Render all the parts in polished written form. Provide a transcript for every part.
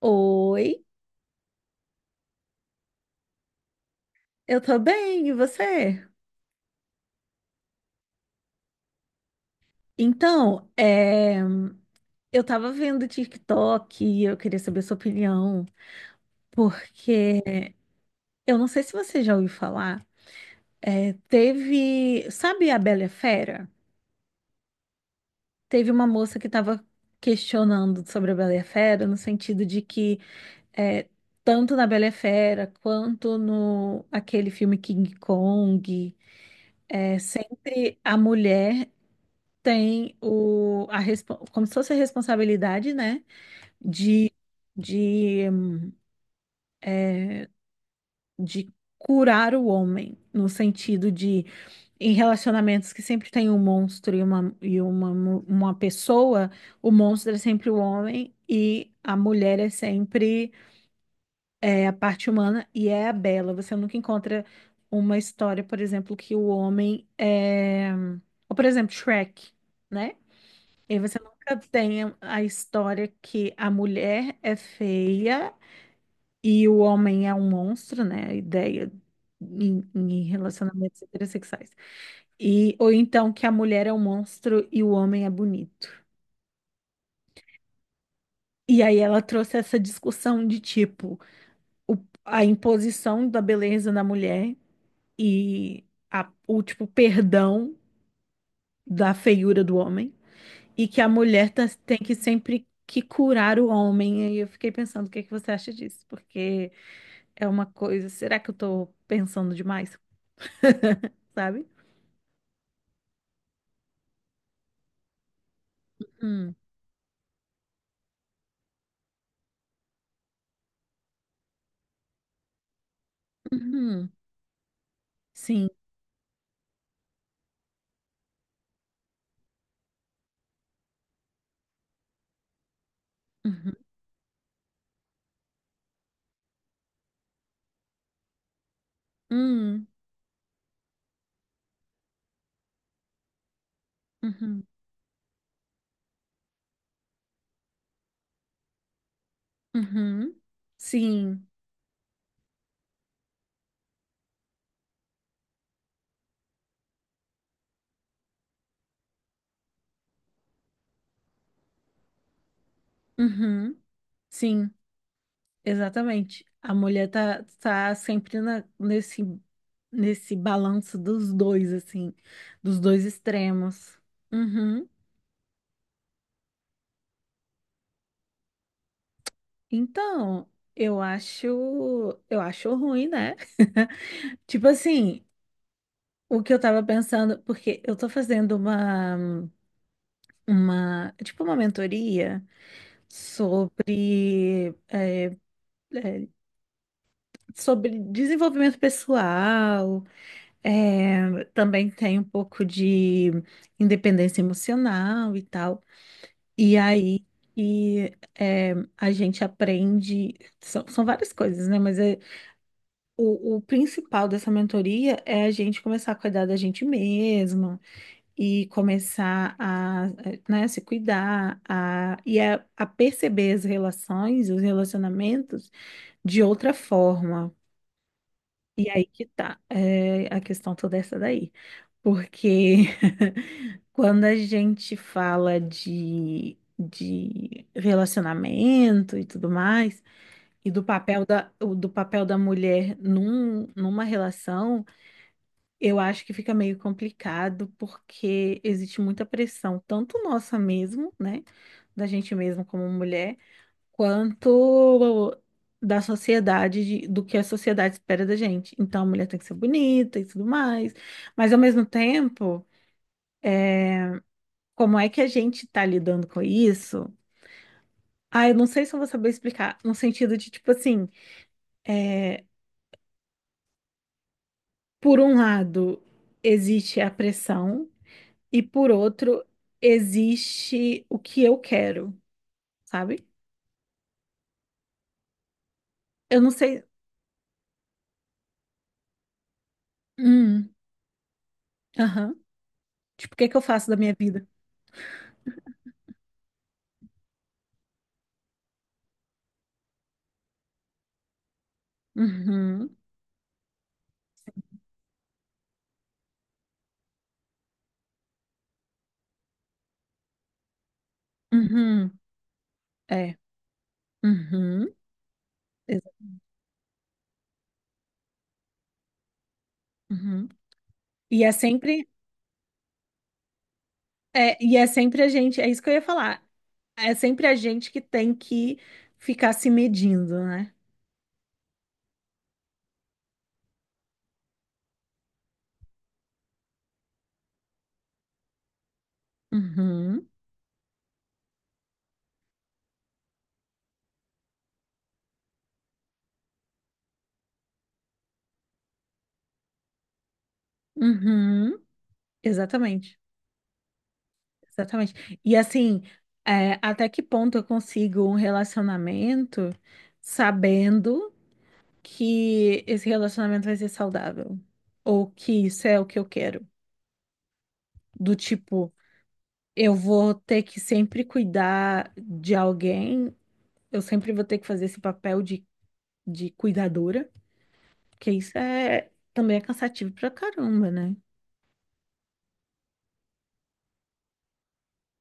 Oi, eu tô bem, e você? Então, é, eu tava vendo o TikTok e eu queria saber sua opinião, porque eu não sei se você já ouviu falar, teve, sabe a Bela e a Fera? Teve uma moça que tava questionando sobre a Bela e a Fera, no sentido de que é, tanto na Bela e a Fera quanto no aquele filme King Kong, sempre a mulher tem como se fosse a responsabilidade, né, de, de, de curar o homem, no sentido de, em relacionamentos que sempre tem um monstro e uma pessoa, o monstro é sempre o homem e a mulher é sempre a parte humana e é a bela. Você nunca encontra uma história, por exemplo, que o homem é. Ou, por exemplo, Shrek, né? E você nunca tem a história que a mulher é feia e o homem é um monstro, né? A ideia em relacionamentos heterossexuais. E, ou então que a mulher é um monstro e o homem é bonito. E aí ela trouxe essa discussão de tipo, o- a imposição da beleza na mulher e o tipo perdão da feiura do homem. E que a mulher tem que sempre que curar o homem. E eu fiquei pensando, o que é que você acha disso? Porque é uma coisa, será que eu tô pensando demais? Sabe? Hum, uhum, sim. Uhum, hum, uhum, uhum, sim. Uhum, sim, exatamente. A mulher tá sempre nesse, nesse balanço dos dois, assim, dos dois extremos. Uhum. Então, eu acho, eu acho ruim, né? Tipo assim, o que eu tava pensando, porque eu tô fazendo tipo uma mentoria sobre, é, sobre desenvolvimento pessoal, é, também tem um pouco de independência emocional e tal. E aí, e, a gente aprende, são várias coisas, né? Mas é o principal dessa mentoria é a gente começar a cuidar da gente mesma e começar né, se cuidar a perceber as relações, os relacionamentos de outra forma. E aí que tá, é, a questão toda essa daí. Porque quando a gente fala de relacionamento e tudo mais, e do papel do papel da mulher numa relação. Eu acho que fica meio complicado porque existe muita pressão, tanto nossa mesmo, né, da gente mesmo como mulher, quanto da sociedade, do que a sociedade espera da gente. Então, a mulher tem que ser bonita e tudo mais, mas ao mesmo tempo, como é que a gente tá lidando com isso? Ah, eu não sei se eu vou saber explicar, no sentido de, tipo assim, é, por um lado, existe a pressão e por outro, existe o que eu quero, sabe? Eu não sei. Hum, aham. Tipo, o que é que eu faço da minha vida? Uhum, uhum, é, uhum, exa- uhum. E é sempre, e é sempre a gente, é isso que eu ia falar. É sempre a gente que tem que ficar se medindo, né? Uhum, uhum, exatamente, exatamente. E assim, é, até que ponto eu consigo um relacionamento sabendo que esse relacionamento vai ser saudável. Ou que isso é o que eu quero. Do tipo, eu vou ter que sempre cuidar de alguém, eu sempre vou ter que fazer esse papel de cuidadora, porque isso também é cansativo pra caramba, né?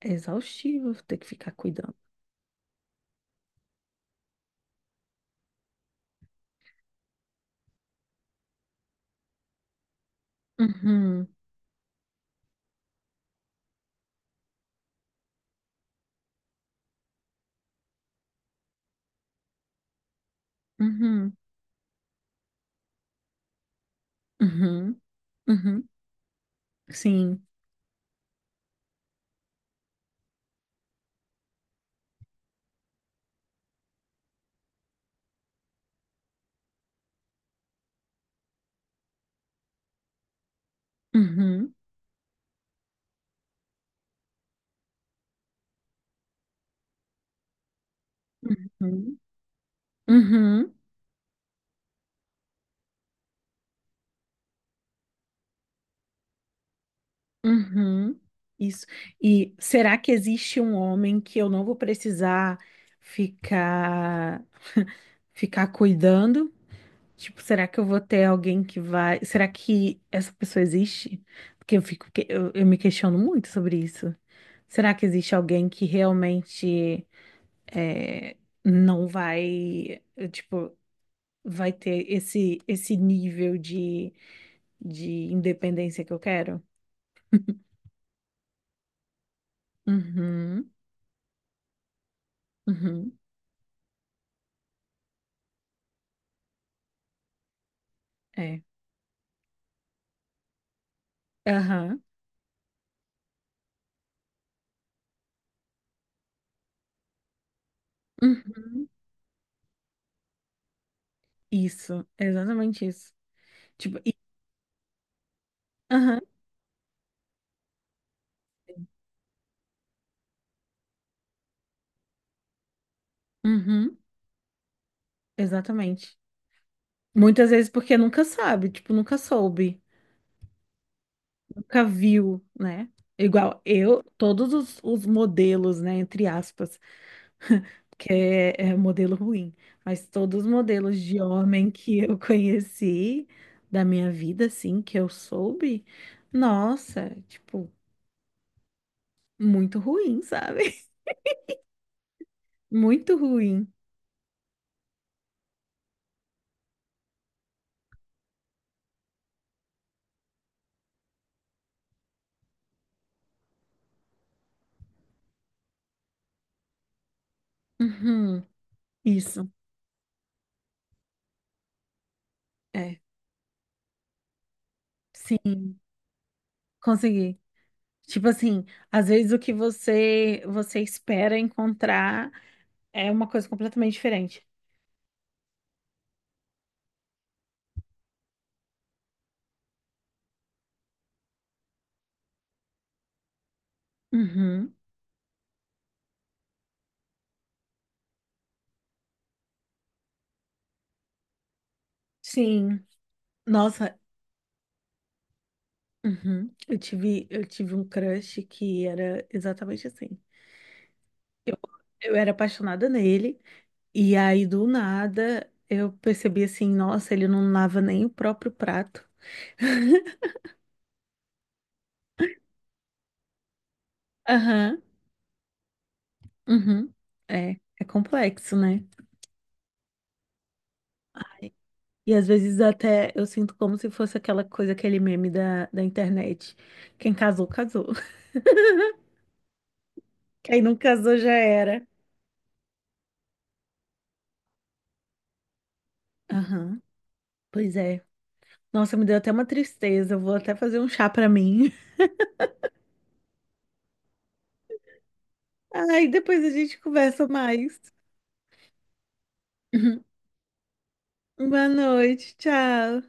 É exaustivo ter que ficar cuidando. Uhum, uhum, uhum, uhum, sim. Uhum, uhum, uhum. Uhum, isso. E será que existe um homem que eu não vou precisar ficar ficar cuidando? Tipo, será que eu vou ter alguém que vai? Será que essa pessoa existe? Porque eu me questiono muito sobre isso. Será que existe alguém que realmente é, não vai, tipo, vai ter esse nível de independência que eu quero? Uhum, uhum. É. Aham. Uhum. Isso, é exatamente isso. Tipo, e- aham. Uhum. Exatamente. Muitas vezes porque nunca sabe, tipo, nunca soube, nunca viu, né? Igual eu, todos os modelos, né, entre aspas, é modelo ruim, mas todos os modelos de homem que eu conheci da minha vida, assim, que eu soube, nossa, tipo, muito ruim, sabe? Muito ruim. Uhum. Isso. É, sim, consegui. Tipo assim, às vezes o que você espera encontrar é uma coisa completamente diferente. Uhum, sim. Nossa, uhum. Eu tive um crush que era exatamente assim. Eu, eu era apaixonada nele e aí do nada eu percebi assim, nossa, ele não lava nem o próprio prato. Aham, uhum. É, é complexo, né? E às vezes até eu sinto como se fosse aquela coisa, aquele meme da internet. Quem casou, casou. Quem não casou já era. Aham, pois é. Nossa, me deu até uma tristeza. Eu vou até fazer um chá pra mim. Ai, depois a gente conversa mais. Boa noite, tchau.